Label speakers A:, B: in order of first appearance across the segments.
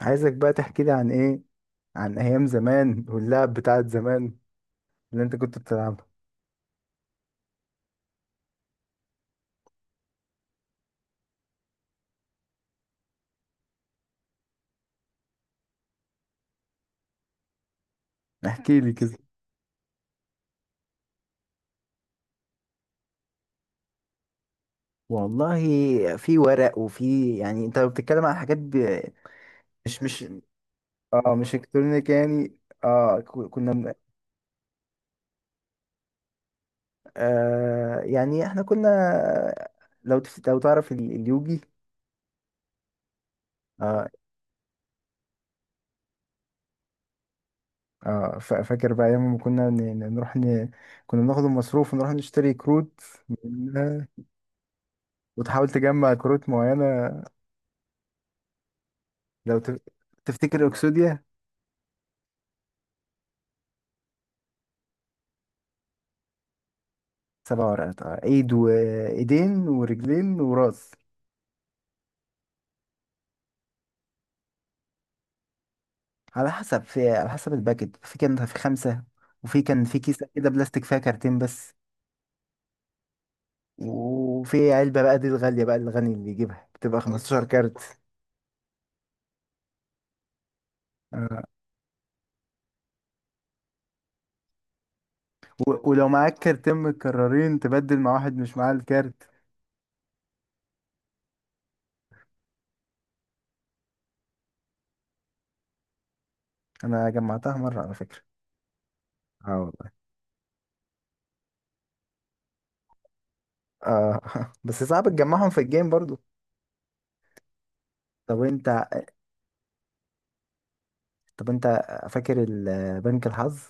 A: عايزك بقى تحكي لي عن ايام زمان واللعب بتاعت زمان اللي انت كنت بتلعبها. احكي لي كده. والله، في ورق، وفي يعني انت بتتكلم عن حاجات مش مش اه مش الكترونيك يعني. اه ك- كنا من- يعني احنا كنا، لو تعرف اليوجي. اه فاكر بقى ايام ما كنا نروح كنا بناخد المصروف ونروح نشتري كروت منها، وتحاول تجمع كروت معينة. لو تف- تفتكر اكسوديا؟ سبع ورقات، ايد وايدين ورجلين وراس. على حسب الباكت، في كان في خمسة، وفي كان في كيسة كده بلاستيك فيها كارتين بس. وفي علبة بقى، دي الغالية، بقى الغني اللي يجيبها بتبقى 15 كارت. آه. ولو معاك كارتين متكررين تبدل مع واحد مش معاه الكارت. انا جمعتها مرة على فكرة. اه، والله. اه. بس صعب تجمعهم في الجيم برضو. طب انت طب انت فاكر بنك الحظ؟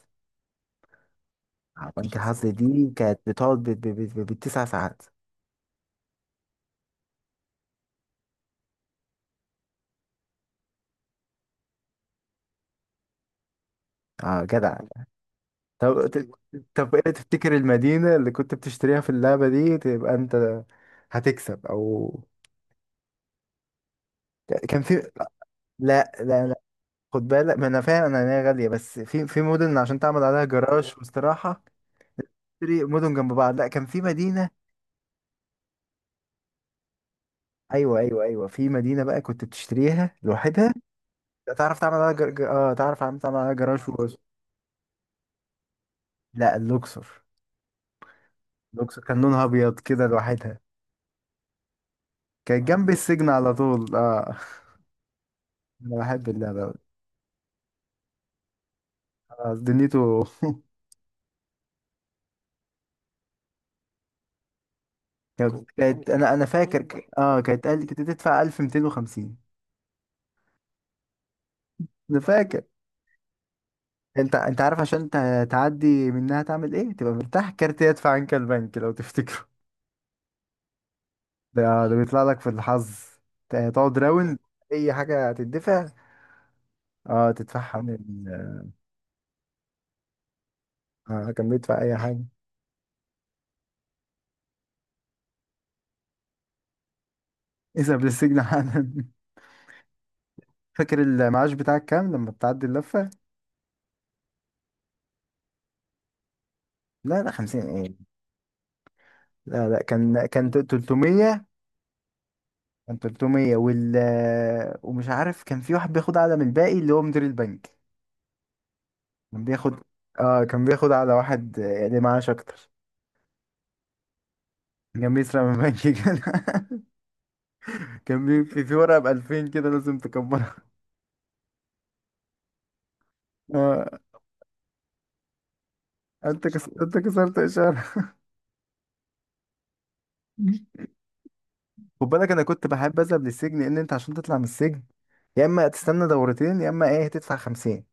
A: بنك الحظ دي كانت بتقعد بالتسع ساعات. اه، جدع. طب ت- طب ايه تفتكر المدينة اللي كنت بتشتريها في اللعبة دي، تبقى انت هتكسب؟ او كان في لا، لا، لا. خد بالك، ما انا فاهم، انا إن هي غالية، بس في مدن عشان تعمل عليها جراج واستراحة. تشتري مدن جنب بعض. لا، كان في مدينة. ايوه، ايوه، ايوه. في مدينة بقى كنت بتشتريها لوحدها. تعرف تعمل عليها جر... ج- اه تعرف تعمل عليها جراج لا، اللوكسور. اللوكسور كان لونها ابيض كده لوحدها. كان جنبي السجن على طول. اه انا بحب اللعبه أوي. آه، دنيته. انا فاكر ك- اه كانت قال كنت تدفع 1250. انا فاكر. انت عارف عشان تعدي منها تعمل ايه؟ تبقى مرتاح، كارت يدفع عنك البنك، لو تفتكره. ده بيطلع لك في الحظ. تقعد راوند، اي حاجه تدفع. اه تدفعها من. اه، كان بيدفع اي حاجه. اذهب للسجن حالا. فاكر المعاش بتاعك كام لما بتعدي اللفه؟ لا، لا، 50 ايه. لا، لا، 300. كان 300 ومش عارف، كان في واحد بياخد اعلى من الباقي اللي هو مدير البنك. كان بياخد اه كان بياخد على واحد، اللي معاش اكتر. كان بيسرق من البنك كده. في ورقة ب 2000، كده لازم تكبرها. اه. انت كسرت اشارة. خد بالك، انا كنت بحب اذهب للسجن، لان انت عشان تطلع من السجن يا اما تستنى دورتين، يا اما ايه، تدفع 50.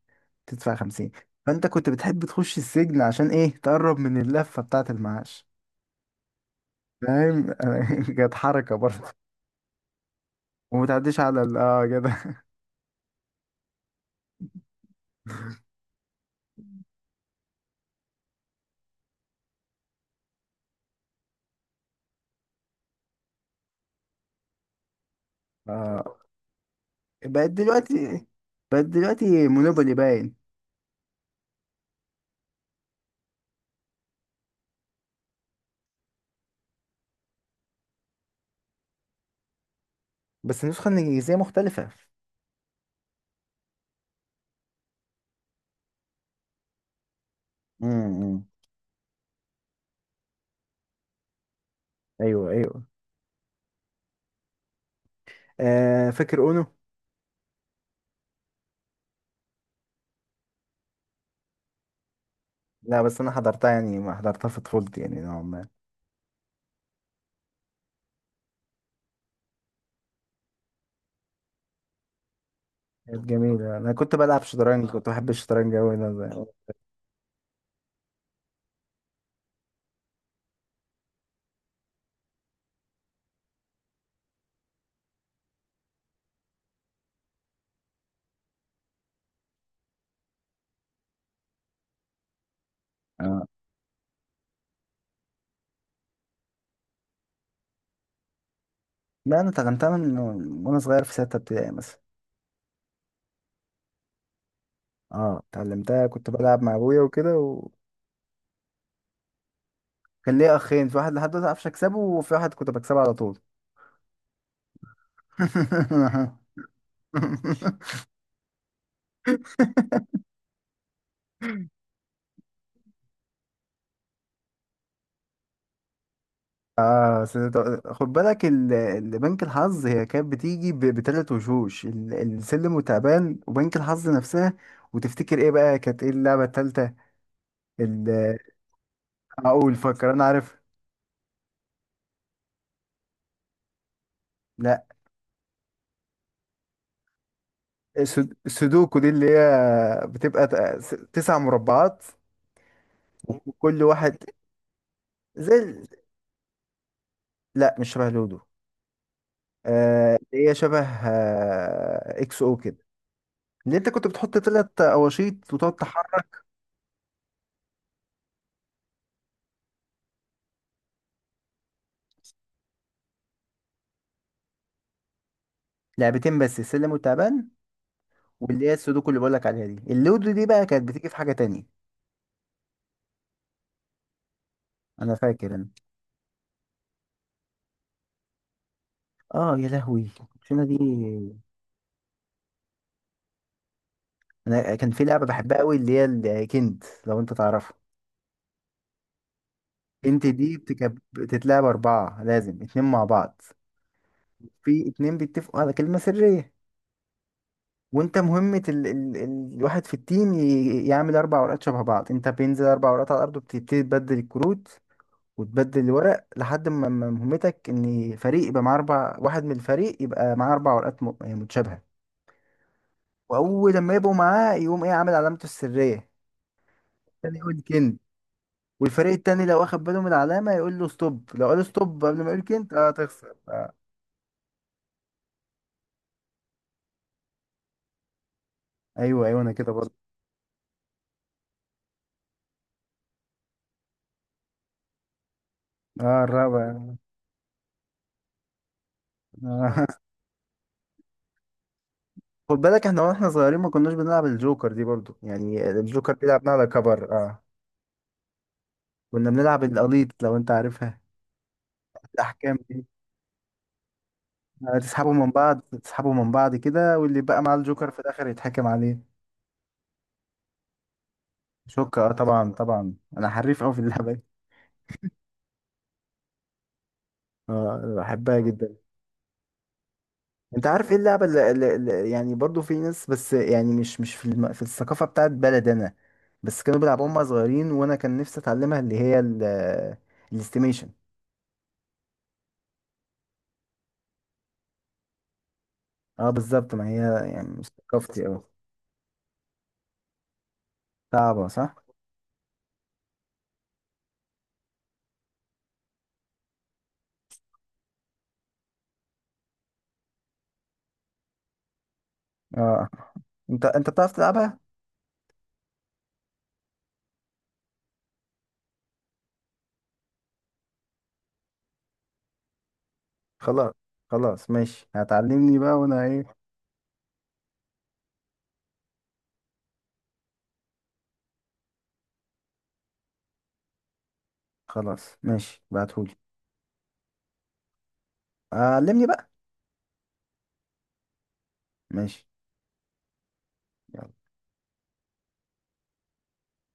A: تدفع 50. فانت كنت بتحب تخش السجن عشان ايه؟ تقرب من اللفة بتاعة المعاش، فاهم؟ كانت حركة برضه. وما تعديش على ال اه كده. آه. بقت دلوقتي بقت دلوقتي مونوبولي باين. بس النسخة الإنجليزية مختلفة. امم. أيوه، أيوه. آه، فاكر أونو؟ لا، بس أنا حضرتها يعني، ما حضرتها في طفولتي يعني، نوعا ما. كانت جميلة. أنا كنت بلعب شطرنج، كنت بحب الشطرنج أوي. اه. لا، أنا اتعلمتها من وأنا صغير، في ستة ابتدائي مثلا. أه، اتعلمتها كنت بلعب مع أبويا وكده، وكان ليا أخين، في واحد لحد دلوقتي معرفش أكسبه، وفي واحد كنت بكسبه على طول. خد بالك، بنك الحظ هي كانت بتيجي بتلات وشوش، السلم وتعبان وبنك الحظ نفسها. وتفتكر ايه بقى كانت، ايه اللعبة التالتة، ال- اقول، فكر، انا عارف. لا، السودوكو دي اللي هي بتبقى تسع مربعات، وكل واحد زي لا، مش شبه لودو. اللي هي شبه، اكس او كده، اللي انت كنت بتحط تلات اواشيط وتقعد تحرك. لعبتين بس، السلم والتعبان. واللي هي السودوكو اللي بقولك عليها دي، اللودو دي بقى كانت بتيجي في حاجة تانية. انا فاكر. اه يا لهوي الكوتشينة دي. انا كان في لعبة بحبها قوي، اللي هي الكنت، لو انت تعرفها. كنت دي بتتلعب اربعة، لازم اتنين مع بعض. في اتنين بيتفقوا على كلمة سرية، وانت مهمة الواحد في التيم يعمل اربع ورقات شبه بعض، انت بينزل اربع ورقات على الارض وبتبتدي تبدل الكروت، وتبدل الورق لحد ما، مهمتك ان فريق يبقى معاه اربع، واحد من الفريق يبقى معاه اربع ورقات يعني متشابهه. واول لما يبقوا معاه، يقوم ايه، عامل علامته السريه تاني يقول كنت. والفريق التاني لو اخد باله من العلامه يقول له ستوب. لو قال ستوب قبل ما يقول كنت، تخسر. ايوه، ايوه، انا كده برضه. اه، الرابع. آه. خد بالك، واحنا صغيرين ما كناش بنلعب الجوكر دي برضه يعني، الجوكر دي لعبناها على كبر. اه كنا بنلعب القليط لو انت عارفها، الاحكام. تسحبوا من بعض، تسحبوا من بعض كده، واللي بقى مع الجوكر في الاخر يتحكم عليه. شوكة، طبعا، طبعا، انا حريف قوي في اللعبة دي. اه أنا بحبها جدا. انت عارف ايه اللعبة يعني برضو في ناس، بس يعني مش في في الثقافة بتاعت بلد انا، بس كانوا بيلعبوها هم صغيرين، وانا كان نفسي اتعلمها، اللي هي الاستيميشن. اه، بالظبط. ما هي يعني مش ثقافتي قوي. صعبة، صح. اه انت بتعرف تلعبها؟ خلاص. خلاص، ماشي، هتعلمني بقى وانا ايه؟ خلاص، ماشي، بعتهولي. علمني بقى. ماشي. يلا.